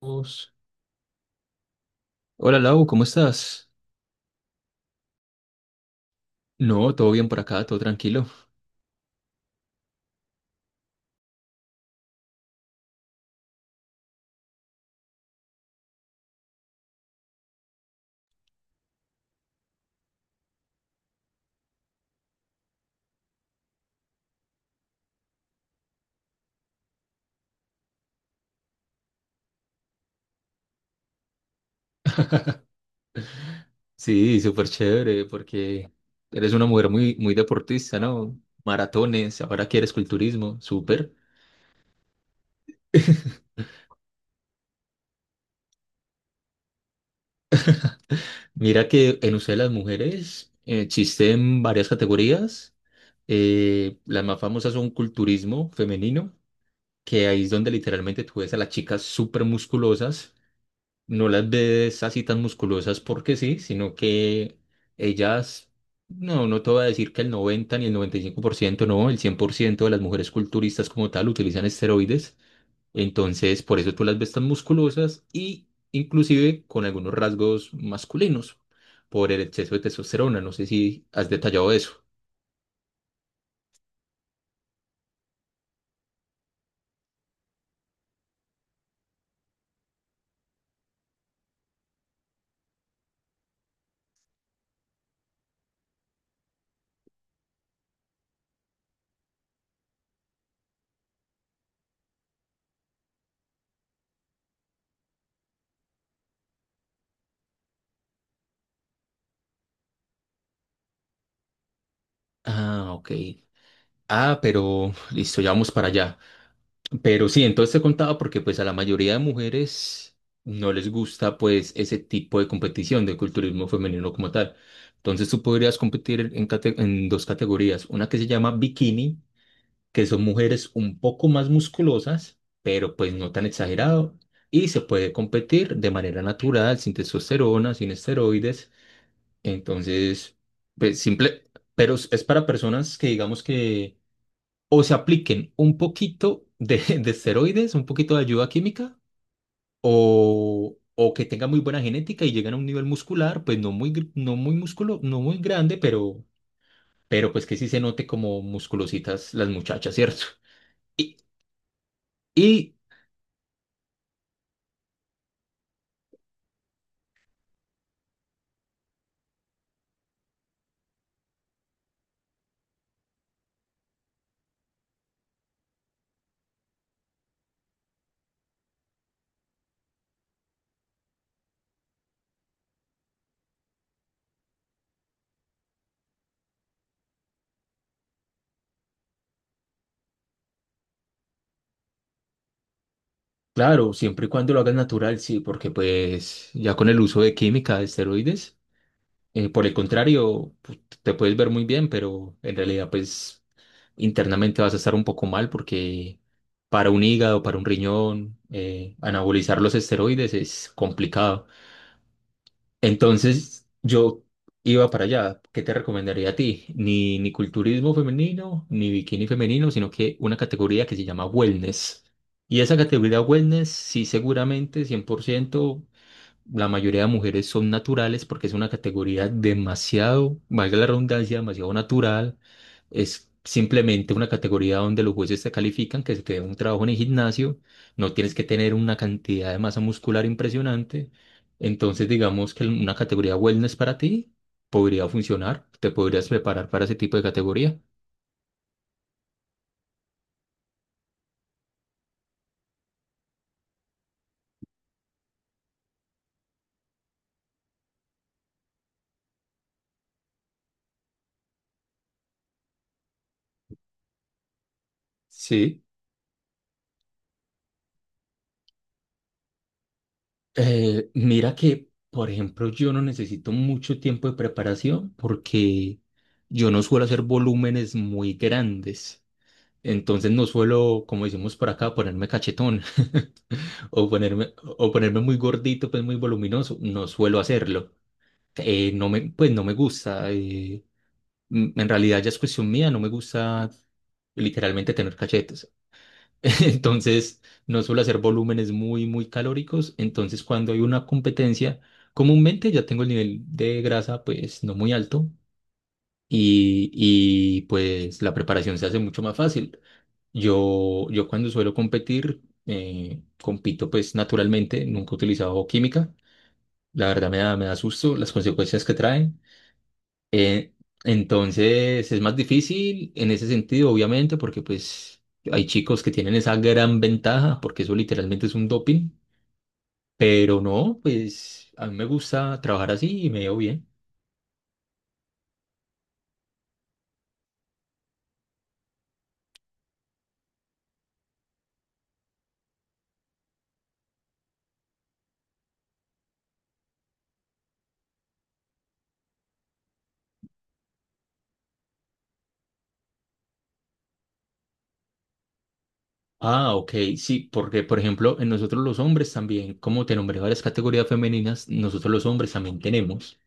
Vamos. Hola Lau, ¿cómo estás? No, todo bien por acá, todo tranquilo. Sí, súper chévere, porque eres una mujer muy, muy deportista, ¿no? Maratones, ahora quieres culturismo, súper. Mira que en Usted las mujeres existen varias categorías. Las más famosas son culturismo femenino, que ahí es donde literalmente tú ves a las chicas súper musculosas, no las ves así tan musculosas porque sí, sino que ellas, no, no te voy a decir que el 90 ni el 95%, no, el 100% de las mujeres culturistas como tal utilizan esteroides. Entonces por eso tú las ves tan musculosas, y inclusive con algunos rasgos masculinos por el exceso de testosterona. No sé si has detallado eso. Ah, ok. Ah, pero listo, ya vamos para allá. Pero sí, entonces te contaba porque pues a la mayoría de mujeres no les gusta pues ese tipo de competición de culturismo femenino como tal. Entonces tú podrías competir en, en dos categorías, una que se llama bikini, que son mujeres un poco más musculosas, pero pues no tan exagerado, y se puede competir de manera natural, sin testosterona, sin esteroides. Entonces, pues simple, pero es para personas que digamos que o se apliquen un poquito de, de esteroides, un poquito de ayuda química, o que tengan muy buena genética y lleguen a un nivel muscular, pues no muy, no muy músculo, no muy grande, pero pues que sí se note como musculositas las muchachas, ¿cierto? Y, y claro, siempre y cuando lo hagan natural, sí, porque pues ya con el uso de química, de esteroides, por el contrario, te puedes ver muy bien, pero en realidad, pues internamente vas a estar un poco mal, porque para un hígado, para un riñón, anabolizar los esteroides es complicado. Entonces, yo iba para allá. ¿Qué te recomendaría a ti? Ni, ni culturismo femenino, ni bikini femenino, sino que una categoría que se llama wellness. Y esa categoría wellness, sí, seguramente, 100%. La mayoría de mujeres son naturales porque es una categoría demasiado, valga la redundancia, demasiado natural. Es simplemente una categoría donde los jueces te califican que se te dé un trabajo en el gimnasio. No tienes que tener una cantidad de masa muscular impresionante. Entonces, digamos que una categoría wellness para ti podría funcionar. Te podrías preparar para ese tipo de categoría. Sí. Mira que, por ejemplo, yo no necesito mucho tiempo de preparación porque yo no suelo hacer volúmenes muy grandes. Entonces no suelo, como decimos por acá, ponerme cachetón, o ponerme, o ponerme muy gordito, pues muy voluminoso. No suelo hacerlo. No me, pues no me gusta. En realidad ya es cuestión mía, no me gusta literalmente tener cachetes. Entonces, no suelo hacer volúmenes muy, muy calóricos. Entonces, cuando hay una competencia, comúnmente ya tengo el nivel de grasa, pues, no muy alto, y pues la preparación se hace mucho más fácil. Yo cuando suelo competir, compito pues naturalmente, nunca he utilizado química. La verdad me da susto las consecuencias que traen. Eh, entonces es más difícil en ese sentido, obviamente, porque pues hay chicos que tienen esa gran ventaja, porque eso literalmente es un doping, pero no, pues a mí me gusta trabajar así y me veo bien. Ah, ok, sí, porque por ejemplo, en nosotros los hombres también, como te nombré varias categorías femeninas, nosotros los hombres también tenemos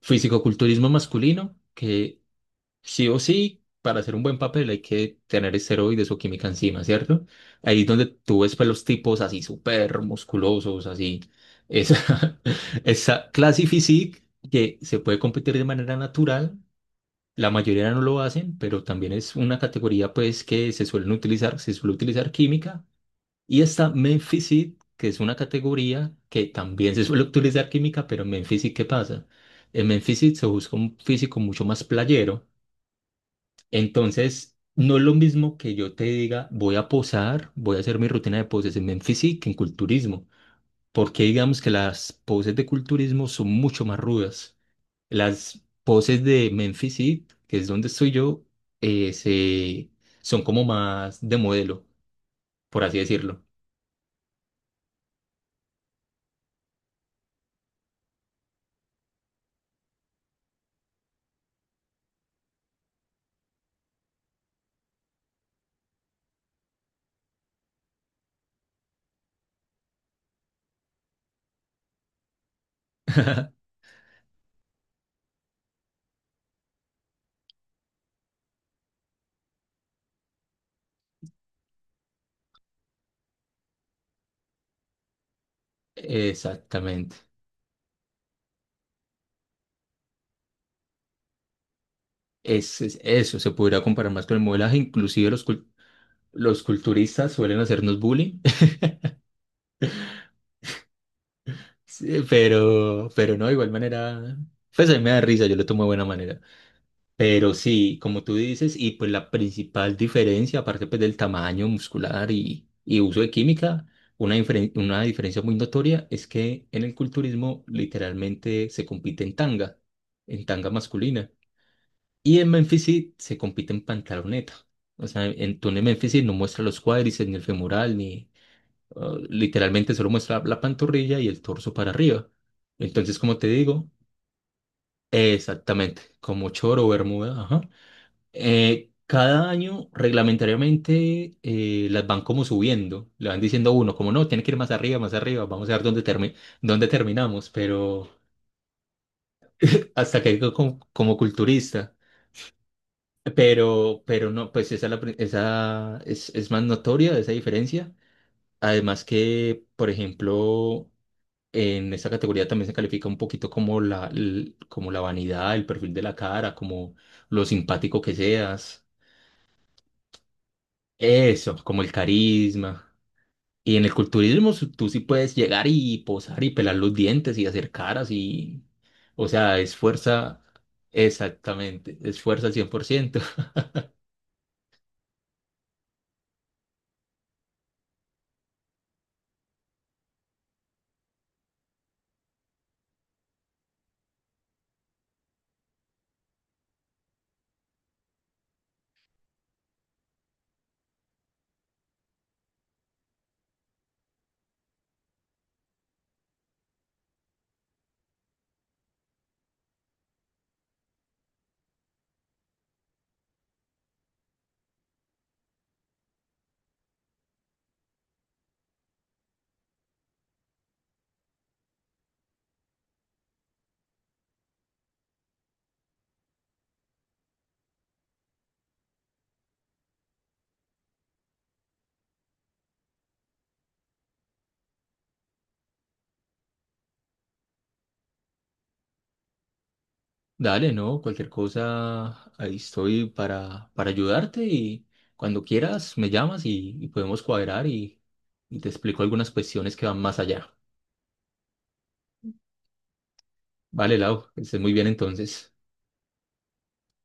fisicoculturismo masculino, que sí o sí, para hacer un buen papel hay que tener esteroides o química encima, ¿cierto? Ahí es donde tú ves pues los tipos así súper musculosos, así. Esa, esa clase physique que se puede competir de manera natural, la mayoría no lo hacen, pero también es una categoría pues que se suelen utilizar, se suele utilizar química. Y está men physique, que es una categoría que también se suele utilizar química, pero en men physique, ¿qué pasa? En men physique se busca un físico mucho más playero. Entonces, no es lo mismo que yo te diga, voy a posar, voy a hacer mi rutina de poses en Memphis que en culturismo, porque digamos que las poses de culturismo son mucho más rudas. Las poses de Memphis, que es donde estoy yo, eh, se- son como más de modelo, por así decirlo. Exactamente. Eso se podría comparar más con el modelaje, inclusive los, los culturistas suelen hacernos bullying. Sí, pero no, de igual manera, pues a mí me da risa, yo lo tomo de buena manera. Pero sí, como tú dices, y pues la principal diferencia, aparte pues del tamaño muscular y uso de química, una, una diferencia muy notoria es que en el culturismo literalmente se compite en tanga masculina. Y en Memphis sí se compite en pantaloneta. O sea, en, tú en el Memphis sí no muestra los cuádriceps, ni el femoral, Ah, literalmente solo muestra la pantorrilla y el torso para arriba. Entonces, como te digo, exactamente, como choro o bermuda, ajá. Cada año, reglamentariamente, las van como subiendo, le van diciendo a uno, como no, tiene que ir más arriba, vamos a ver dónde, dónde terminamos, pero hasta que digo como, como culturista. Pero no, pues esa, esa es más notoria esa diferencia. Además que, por ejemplo, en esta categoría también se califica un poquito como la, como la vanidad, el perfil de la cara, como lo simpático que seas, eso, como el carisma. Y en el culturismo tú sí puedes llegar y posar y pelar los dientes y hacer caras y, o sea, es fuerza, exactamente, es fuerza al cien por ciento. Dale, ¿no? Cualquier cosa, ahí estoy para ayudarte y cuando quieras me llamas y podemos cuadrar y te explico algunas cuestiones que van más allá. Vale, Lau, que estés muy bien entonces.